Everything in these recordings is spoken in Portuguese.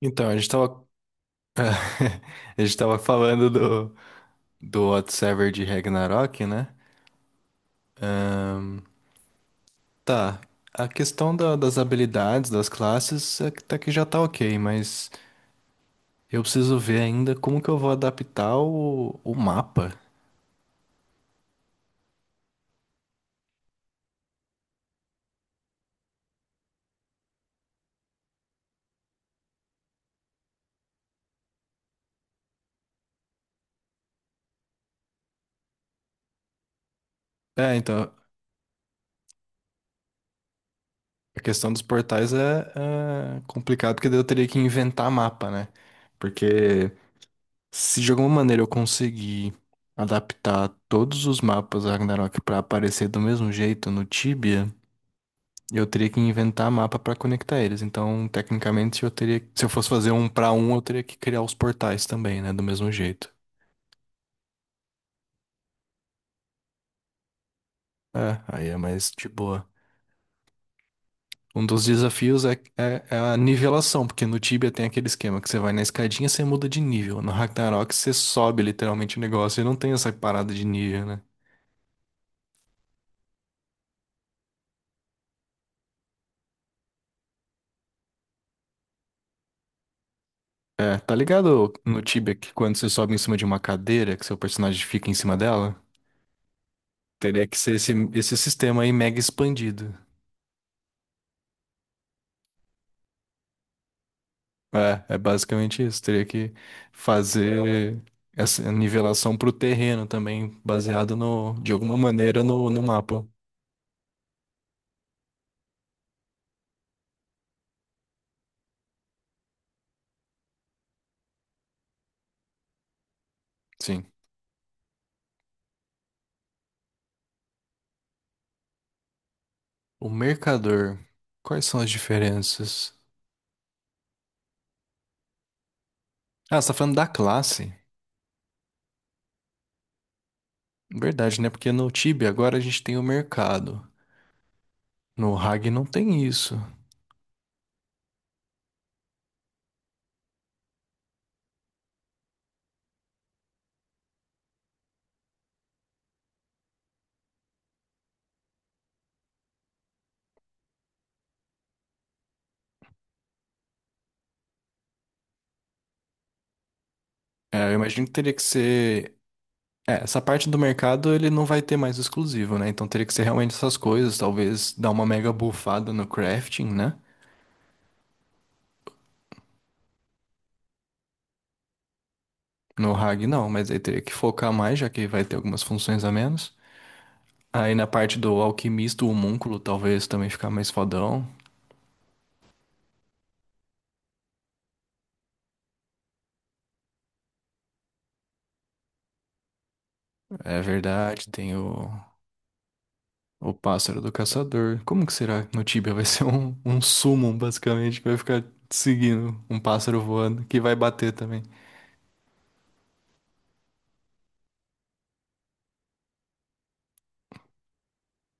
Então, a gente tava, a gente tava falando do Whatsever de Ragnarok, né? Ahn, tá, a questão das habilidades, das classes, é que tá que já tá ok, mas eu preciso ver ainda como que eu vou adaptar o mapa. É, então, a questão dos portais é complicado, porque daí eu teria que inventar mapa, né? Porque se de alguma maneira eu conseguir adaptar todos os mapas Ragnarok pra aparecer do mesmo jeito no Tibia, eu teria que inventar mapa pra conectar eles. Então, tecnicamente, eu teria, se eu fosse fazer um pra um, eu teria que criar os portais também, né, do mesmo jeito. É, aí é mais de boa. Um dos desafios é, é a nivelação, porque no Tibia tem aquele esquema que você vai na escadinha e você muda de nível. No Ragnarok você sobe literalmente o negócio e não tem essa parada de nível, né? É, tá ligado no Tibia que quando você sobe em cima de uma cadeira, que seu personagem fica em cima dela? Teria que ser esse sistema aí mega expandido. É, é basicamente isso. Teria que fazer essa nivelação pro terreno também, baseado de alguma maneira no mapa. Sim. O mercador. Quais são as diferenças? Ah, você tá falando da classe? Verdade, né? Porque no Tibia agora a gente tem o mercado. No Hag não tem isso. É, eu imagino que teria que ser. É, essa parte do mercado ele não vai ter mais exclusivo, né? Então teria que ser realmente essas coisas, talvez dar uma mega bufada no crafting, né? No Hag não, mas aí teria que focar mais, já que vai ter algumas funções a menos. Aí na parte do alquimista, o homúnculo talvez também ficar mais fodão. É verdade, tem o pássaro do caçador. Como que será no Tibia? Vai ser um summon, basicamente, que vai ficar seguindo um pássaro voando, que vai bater também.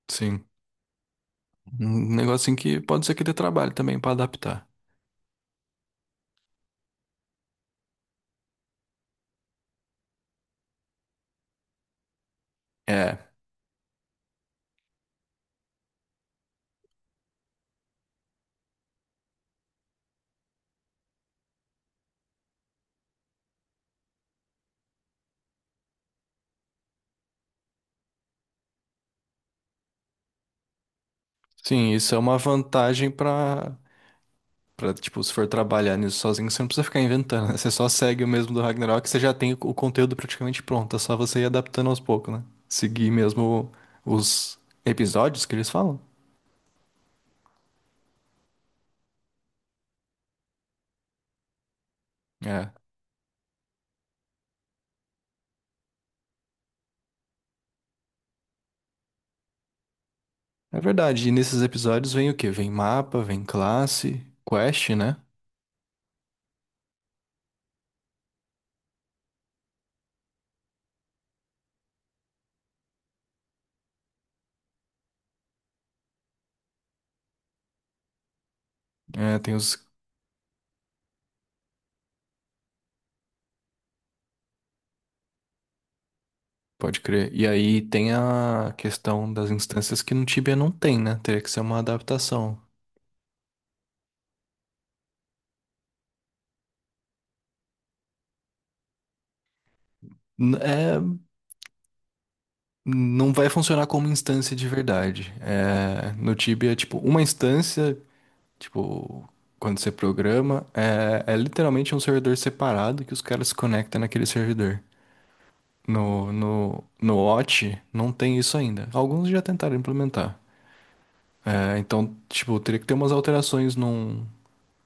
Sim. Um negocinho que pode ser que dê trabalho também pra adaptar. É. Sim, isso é uma vantagem pra, tipo, se for trabalhar nisso sozinho, você não precisa ficar inventando, né? Você só segue o mesmo do Ragnarok, você já tem o conteúdo praticamente pronto, é só você ir adaptando aos poucos, né? Seguir mesmo os episódios que eles falam. É. É verdade, e nesses episódios vem o quê? Vem mapa, vem classe, quest, né? É, tem os... Pode crer. E aí tem a questão das instâncias que no Tibia não tem, né? Teria que ser uma adaptação. É. Não vai funcionar como instância de verdade. É, no Tibia, tipo, uma instância, tipo, quando você programa, é literalmente um servidor separado que os caras se conectam naquele servidor. No Watch não tem isso ainda. Alguns já tentaram implementar. É, então, tipo, teria que ter umas alterações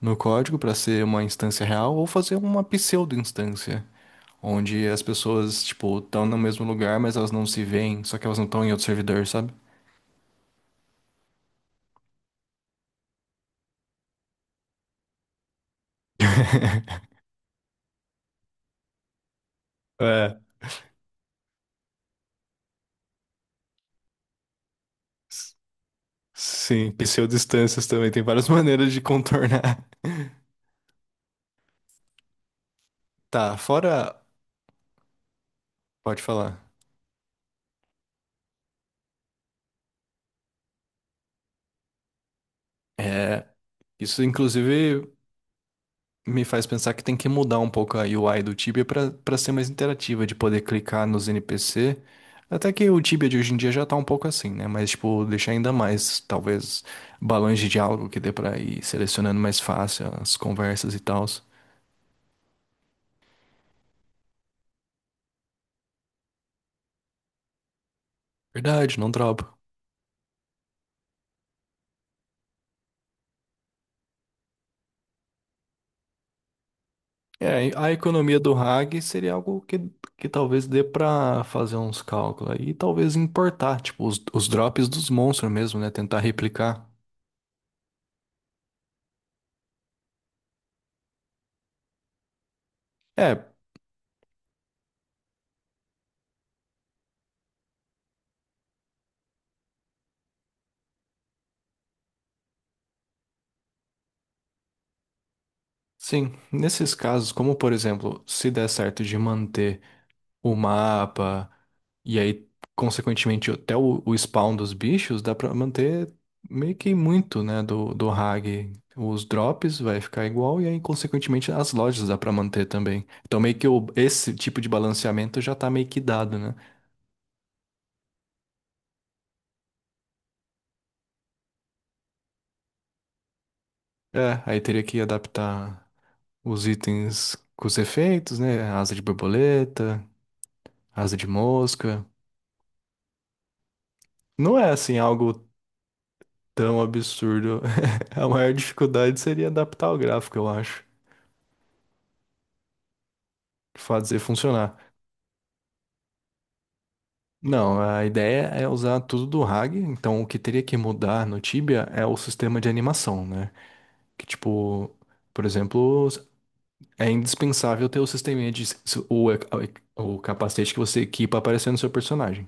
no código para ser uma instância real ou fazer uma pseudo-instância, onde as pessoas, tipo, estão no mesmo lugar, mas elas não se veem, só que elas não estão em outro servidor, sabe? É, s- sim, pseudodistâncias também, tem várias maneiras de contornar. Tá, fora. Pode falar. É, isso inclusive me faz pensar que tem que mudar um pouco a UI do Tibia para ser mais interativa, de poder clicar nos NPC. Até que o Tibia de hoje em dia já tá um pouco assim, né? Mas, tipo, deixar ainda mais, talvez, balões de diálogo que dê pra ir selecionando mais fácil as conversas e tal. Verdade, não dropa. É, a economia do RAG seria algo que talvez dê pra fazer uns cálculos aí, e talvez importar, tipo, os drops dos monstros mesmo, né? Tentar replicar. É, sim, nesses casos, como por exemplo, se der certo de manter o mapa, e aí, consequentemente, até o spawn dos bichos, dá pra manter meio que muito, né, do Hag. Os drops vai ficar igual, e aí, consequentemente, as lojas dá pra manter também. Então, meio que esse tipo de balanceamento já tá meio que dado, né? É, aí teria que adaptar os itens com os efeitos, né? Asa de borboleta, asa de mosca. Não é assim algo tão absurdo. A maior dificuldade seria adaptar o gráfico, eu acho, fazer funcionar. Não, a ideia é usar tudo do RAG, então o que teria que mudar no Tibia é o sistema de animação, né? Que tipo, por exemplo, é indispensável ter o sistema de o, o capacete que você equipa aparecendo no seu personagem.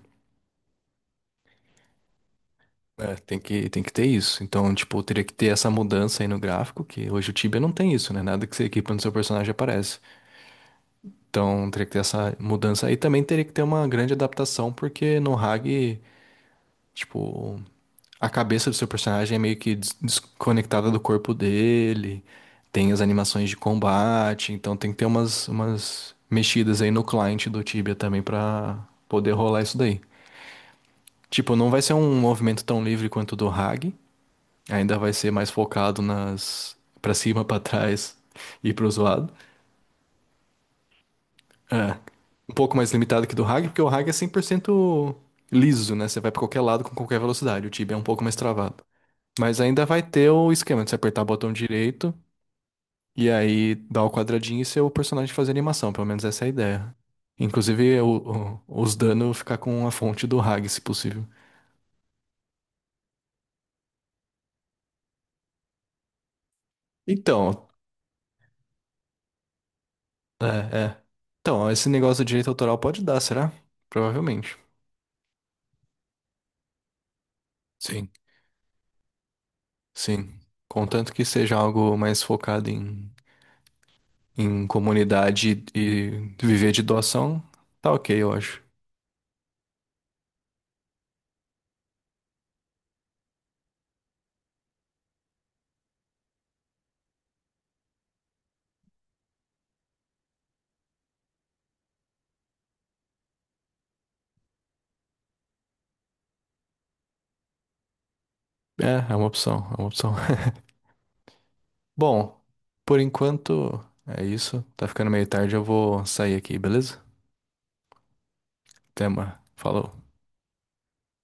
É, tem que ter isso. Então, tipo, teria que ter essa mudança aí no gráfico, que hoje o Tibia não tem isso, né? Nada que você equipa no seu personagem aparece. Então, teria que ter essa mudança aí. Também teria que ter uma grande adaptação, porque no RAG, tipo, a cabeça do seu personagem é meio que desconectada do corpo dele. Tem as animações de combate, então tem que ter umas mexidas aí no client do Tibia também pra poder rolar isso daí. Tipo, não vai ser um movimento tão livre quanto o do Hag, ainda vai ser mais focado nas pra cima, pra trás e pro zoado. É, um pouco mais limitado que do Hag, porque o Hag é 100% liso, né? Você vai pra qualquer lado com qualquer velocidade. O Tibia é um pouco mais travado. Mas ainda vai ter o esquema de você apertar o botão direito, e aí dá o quadradinho e ser o personagem fazer animação, pelo menos essa é a ideia. Inclusive, os danos ficar com a fonte do Hag, se possível. Então, é, é. Então, esse negócio de direito autoral pode dar, será? Provavelmente. Sim, sim. Contanto que seja algo mais focado em comunidade e viver de doação, tá ok, eu acho. É, é uma opção, é uma opção. Bom, por enquanto é isso. Tá ficando meio tarde, eu vou sair aqui, beleza? Até, mano. Falou.